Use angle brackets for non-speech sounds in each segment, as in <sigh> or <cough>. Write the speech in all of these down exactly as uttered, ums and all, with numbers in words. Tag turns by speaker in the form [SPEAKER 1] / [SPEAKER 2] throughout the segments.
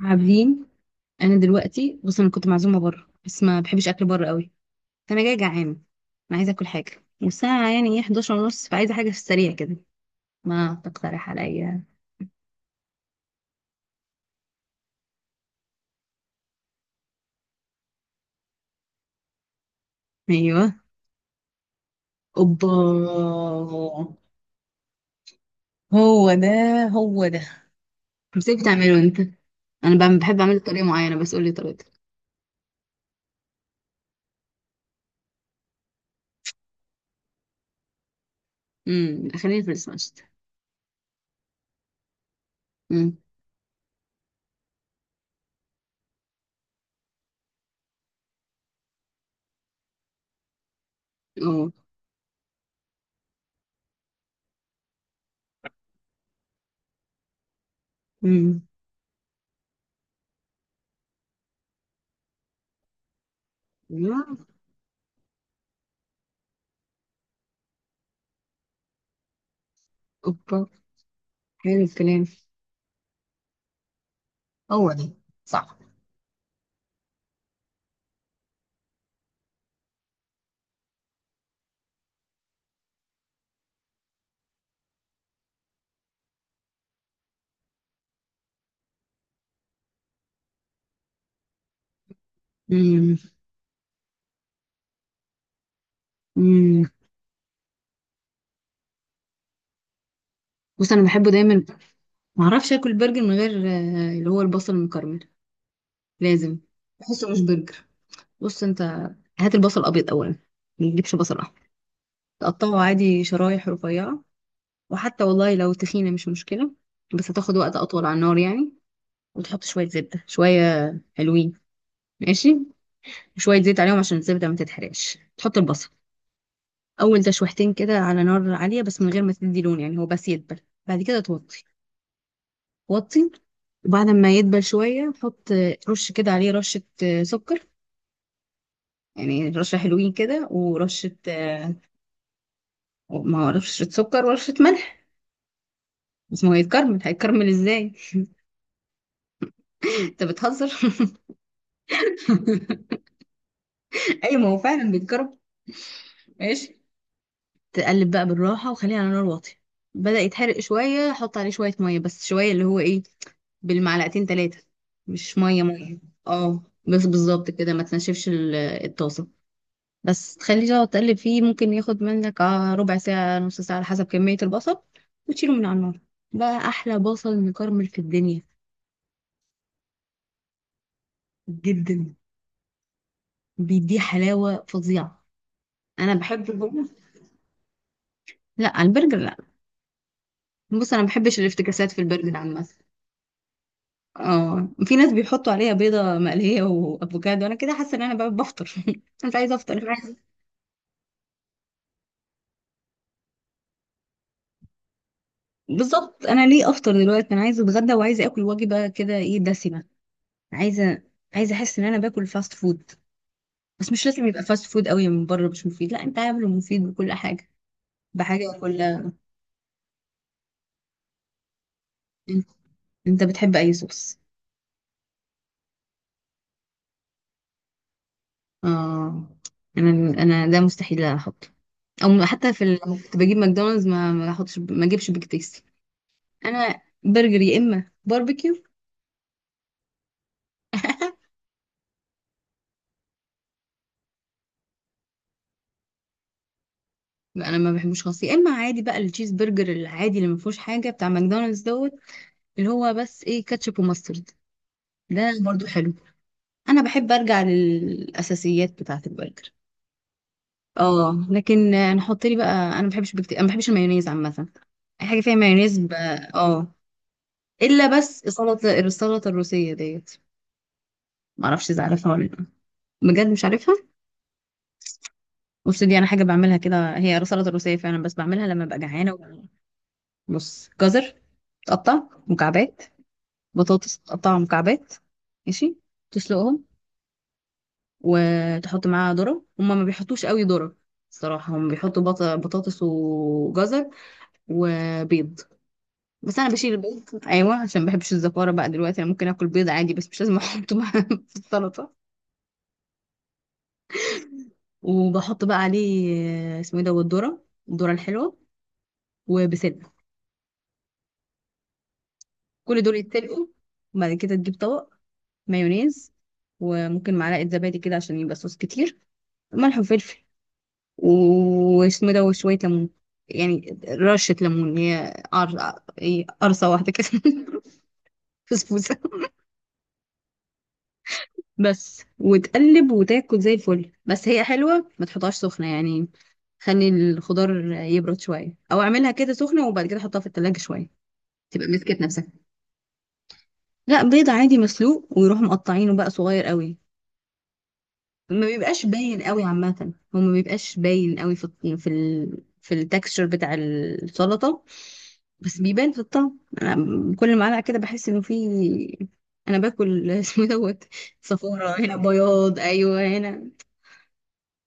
[SPEAKER 1] عابدين، انا دلوقتي بص انا كنت معزومه بره بس ما بحبش اكل بره قوي. فانا جايه جعانه. انا عايزه اكل حاجه والساعه يعني ايه حداشر ونص، فعايزه حاجه في السريع كده. ما تقترح عليا؟ ايوه. اوبا. هو ده هو ده. ازاي بتعمله انت؟ انا بعمل- بحب اعمله بطريقه معينه، بس قولي طريقتك. امم خلينا في السماشت. امم اه. امم أيوة. اوبا. حلو الكلام. هو ده. صح. امم امم بص انا بحبه دايما. ما اعرفش اكل برجر من غير آه، اللي هو البصل المكرمل. لازم. بحسه مش برجر. بص انت، هات البصل ابيض اولا، ما تجيبش بصل احمر. تقطعه عادي شرايح رفيعه، وحتى والله لو تخينه مش مشكله، بس هتاخد وقت اطول على النار يعني. وتحط شويه زبده، شويه حلوين، ماشي. وشويه زيت عليهم عشان الزبده ما تتحرقش، تحط البصل. اول تشويحتين كده على نار عاليه بس من غير ما تدي لون، يعني هو بس يدبل. بعد كده توطي. وطي. وبعد ما يدبل شويه حط آه، رش كده عليه رشه آه، سكر. يعني رشة حلوين كده ورشة آه، ما هو رشة سكر ورشة ملح. بس ما هو يتكرمل، هيتكرمل ازاي؟ <laughs> انت بتهزر. <laughs> ايوه، ما هو فعلا بيتكرمل. ماشي. تقلب بقى بالراحة وخليها على نار واطية. بدأ يتحرق شوية، حط عليه شوية مية، بس شوية اللي هو ايه، بالمعلقتين تلاتة، مش مية مية. اه. بس بالظبط كده، ما تنشفش ال- الطاسة. بس تخليه تقعد تقلب فيه، ممكن ياخد منك آه، ربع ساعة نص ساعة على حسب كمية البصل. وتشيله من على النار. بقى أحلى بصل مكرمل في الدنيا. جدا. بيديه حلاوة فظيعة. أنا بحب البرجر. لا، البرجر لا. بص أنا ما بحبش الافتكاسات في البرجر عامة. اه، في ناس بيحطوا عليها بيضة مقلية وأفوكادو، أنا كده حاسة إن أنا بقى بفطر. <laughs> أنا مش عايزة أفطر، أنا عايزة. بالظبط، أنا ليه أفطر دلوقتي؟ أنا عايزة أتغدى وعايزة آكل وجبة كده إيه، دسمة. عايزة. عايزة أحس إن أنا باكل فاست فود. بس مش لازم يبقى فاست فود قوي من بره مش مفيد، لا انت عامله مفيد بكل حاجه. بحاجه وكل. انت، انت بتحب اي صوص؟ اه. انا انا ده مستحيل احطه. او حتى في ال- لما كنت بجيب ماكدونالدز، ما ما احطش، ما اجيبش بيج تيستي. انا برجر يا اما باربيكيو. <laughs> انا ما بحبوش خالص، يا اما عادي بقى التشيز برجر العادي اللي ما فيهوش حاجه بتاع ماكدونالدز دوت، اللي هو بس ايه، كاتشب وماسترد. ده برضو حلو. انا بحب ارجع للاساسيات بتاعه البرجر. اه لكن آه، نحط لي بقى، انا ما بحبش بكتير، انا ما بحبش المايونيز عامه. اي حاجه فيها مايونيز ب... اه. الا بس السلطه، السلطه الروسيه ديت. ما اعرفش اذا عارفها ولا لا. بجد مش عارفها؟ بص، دي انا حاجه بعملها كده، هي سلطه روسيه فعلا، بس بعملها لما ببقى جعانه و... بص، جزر، تقطع مكعبات. بطاطس تقطع مكعبات. ماشي. تسلقهم. وتحط معاها ذره، هما ما بيحطوش قوي ذره. الصراحه هم بيحطوا بط... بطاطس وجزر وبيض، بس انا بشيل البيض ايوه عشان ما بحبش الزفاره، بقى دلوقتي انا ممكن اكل بيض عادي بس مش لازم احطه بقى <laughs> في السلطه. وبحط بقى عليه آه، اسمه ايه ده، والذره، الذره الحلوه، وبسله. كل دول يتسلقوا. وبعد كده تجيب طبق، مايونيز، وممكن معلقه زبادي كده عشان يبقى صوص كتير، ملح وفلفل، واسمه إيه ده، وشويه ليمون، يعني رشه ليمون، هي قر... إيه، قرصه واحده كده. <laughs> فسفوسه. بس، وتقلب وتاكل زي الفل. بس هي حلوه ما تحطهاش سخنه يعني، خلي الخضار يبرد شويه، او اعملها كده سخنه وبعد كده احطها في التلاجة شويه تبقى مسكت نفسها. لا، بيضه عادي مسلوق، ويروحوا مقطعينه بقى صغير قوي. ما بيبقاش باين قوي عامه، هو ما بيبقاش باين قوي في الط- في ال... في التكستشر بتاع السلطه. بس بيبان في الطعم، انا كل معلقه كده بحس انه في. انا باكل. <laughs> اسمه دوت. صفارة هنا، بياض ايوه هنا.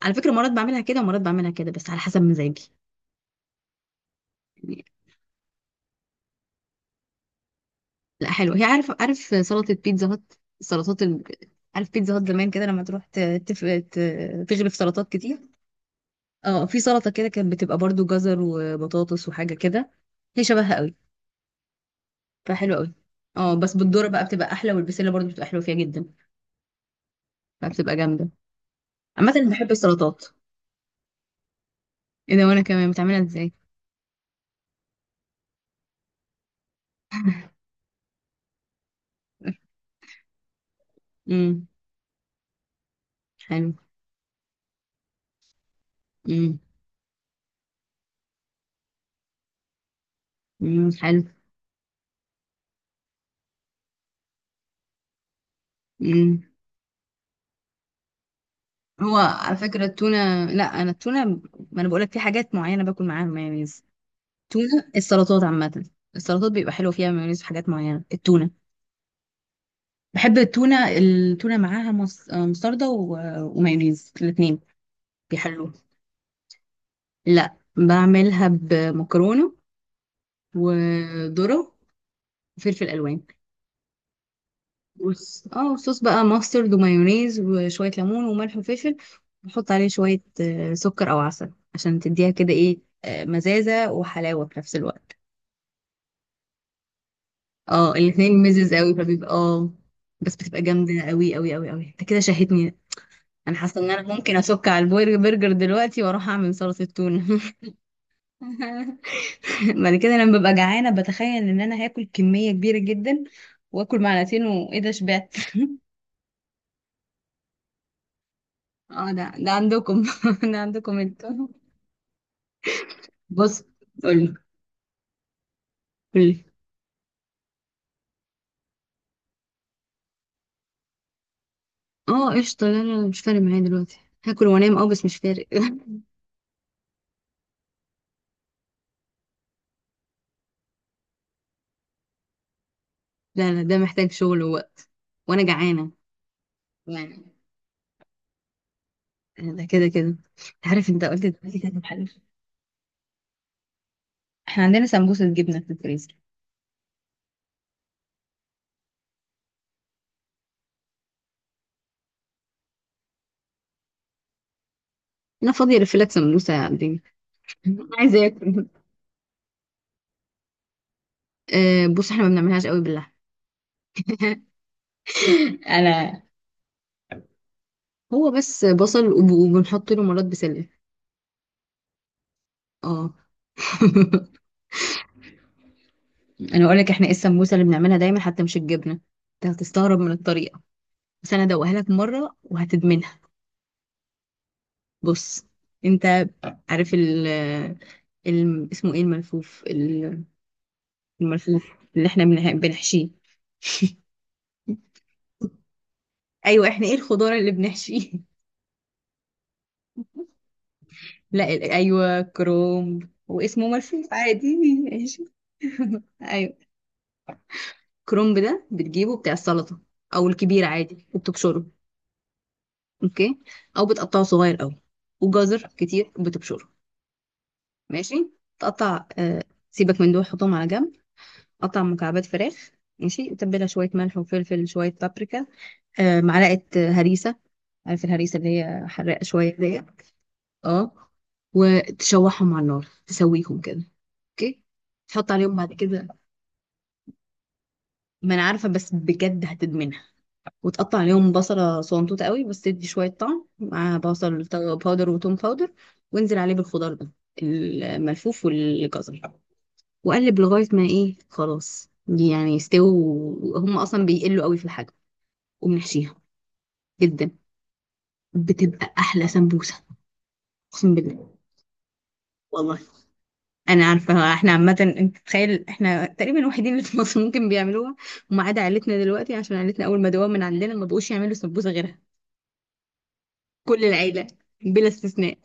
[SPEAKER 1] على فكره مرات بعملها كده ومرات بعملها كده بس على حسب مزاجي. لا حلو، هي عارف، عارف سلطة بيتزا هات، السلطات ال... عارف بيتزا هات زمان كده، لما تروح ت... تف... ت... تغرف سلطات كتير. اه، في سلطة كده كانت بتبقى برضو جزر وبطاطس وحاجة كده، هي شبهها قوي. فحلوة قوي. اه، بس بالذرة بقى بتبقى احلى، والبسلة برضو بتبقى حلوة فيها جدا. فبتبقى جامدة. عامة أنا بحب السلطات. ايه ده، وانا كمان بتعملها ازاي؟ <laughs> امم حلو. امم امم حلو. امم هو على فكرة التونة، لا انا التونة، ما انا بقولك في حاجات معينة باكل معاها مايونيز. تونة، السلطات عامة، السلطات بيبقى حلو فيها مايونيز في حاجات معينة، التونة. بحب التونة، التونة معاها مس- مستردة و- ومايونيز الاتنين. بيحلوه. لا، بعملها بمكرونة، وذرة، وفلفل ألوان. بص، اه، صوص بقى ماسترد ومايونيز وشوية ليمون وملح وفلفل. بحط عليه شوية آه، سكر أو عسل عشان تديها كده ايه آه، مزازة وحلاوة في نفس الوقت. اه، الاتنين ميزز قوي فبيبقى اه. بس بتبقى جامدة قوي قوي قوي قوي، انت كده شهيتني. انا حاسة ان انا ممكن اسك على البرجر برجر دلوقتي واروح اعمل صلصة تونة. <laughs> بعد كده لما ببقى جعانة بتخيل ان انا هاكل كمية كبيرة جدا، واكل معلقتين وايه ده شبعت. اه، ده ده عندكم. <laughs> ده عندكم انتوا. بص، قولي، قولي. اه قشطة، لا لا لا، مش فارق معايا دلوقتي. هاكل وانام، اه بس مش فارق. <laughs> لا لا، ده محتاج شغل ووقت، وانا جعانة. يعني ده كده كده. عارف انت قلت دلوقتي كده بحاجة. احنا عندنا سمبوسة جبنة في الفريزر. انا فاضية الف لك سمبوسة يا عبدين؟ <laughs> عايزة اكل. أه، بص احنا ما بنعملهاش قوي باللحمة. انا، هو بس بصل وب- وبنحط له مرات بسلة. اه. <laughs> انا اقول لك احنا ايه السمبوسة اللي بنعملها دايما حتى مش الجبنة، انت هتستغرب من الطريقة، بس انا ادوقها لك مرة وهتدمنها. بص انت، عارف ال ال- اسمه ايه الملفوف ال- الملفوف اللي احنا بنح- بنحشيه، ايوه احنا ايه الخضار اللي بنحشيه؟ <laughs> لا ال- ايوه كرومب، واسمه ملفوف عادي، ماشي. ايوه، كرومب ده بتجيبه بتاع السلطه او الكبير عادي، وبتبشره. اوكي. او بتقطعه صغير قوي، وجزر كتير بتبشره. ماشي. تقطع آه، سيبك من دول حطهم على جنب. قطع مكعبات فراخ. ماشي. تبلها شويه ملح وفلفل، شويه بابريكا، آه معلقه آه، هريسه. عارف الهريسه اللي هي حراقه شويه ديت. اه. وتشوحهم على النار، تسويهم كده. اوكي. تحط عليهم بعد كده، ما انا عارفه بس بجد هتدمنها، وتقطع عليهم بصله صنطوطه قوي، بس تدي شويه طعم، مع بصل باودر وتوم باودر. وانزل عليه بالخضار ده، الملفوف والجزر، وقلب لغايه ما ايه خلاص يعني يستووا، هم اصلا بيقلوا قوي في الحجم. وبنحشيها. جدا. بتبقى احلى سمبوسه، اقسم بالله. والله انا عارفه. احنا عامه، انت تخيل، احنا تقريبا الوحيدين اللي في مصر ممكن بيعملوها، وما عدا عيلتنا دلوقتي عشان عيلتنا اول ما دوام من عندنا ما بقوش يعملوا سمبوسه غيرها. كل العيله بلا استثناء.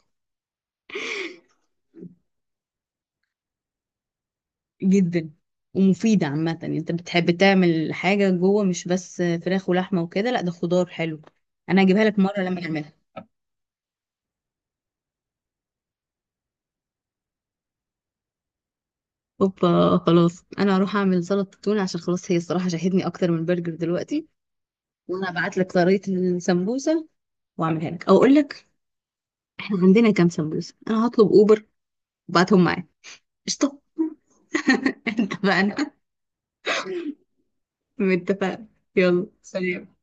[SPEAKER 1] جدا. ومفيده عامه، يعني انت بتحب تعمل حاجه جوه مش بس فراخ ولحمه وكده، لا، ده خضار حلو. انا هجيبها لك مره لما نعملها. اوبا خلاص، انا هروح اعمل سلطه تونه عشان خلاص، هي الصراحه شاهدني اكتر من برجر دلوقتي. وانا هبعت لك طريقه السمبوسه، واعملها لك او اقول لك احنا عندنا كام سمبوسه، انا هطلب اوبر وبعتهم معايا. قشطة. <laughs> اتفقنا. متفقين. يلا سلام.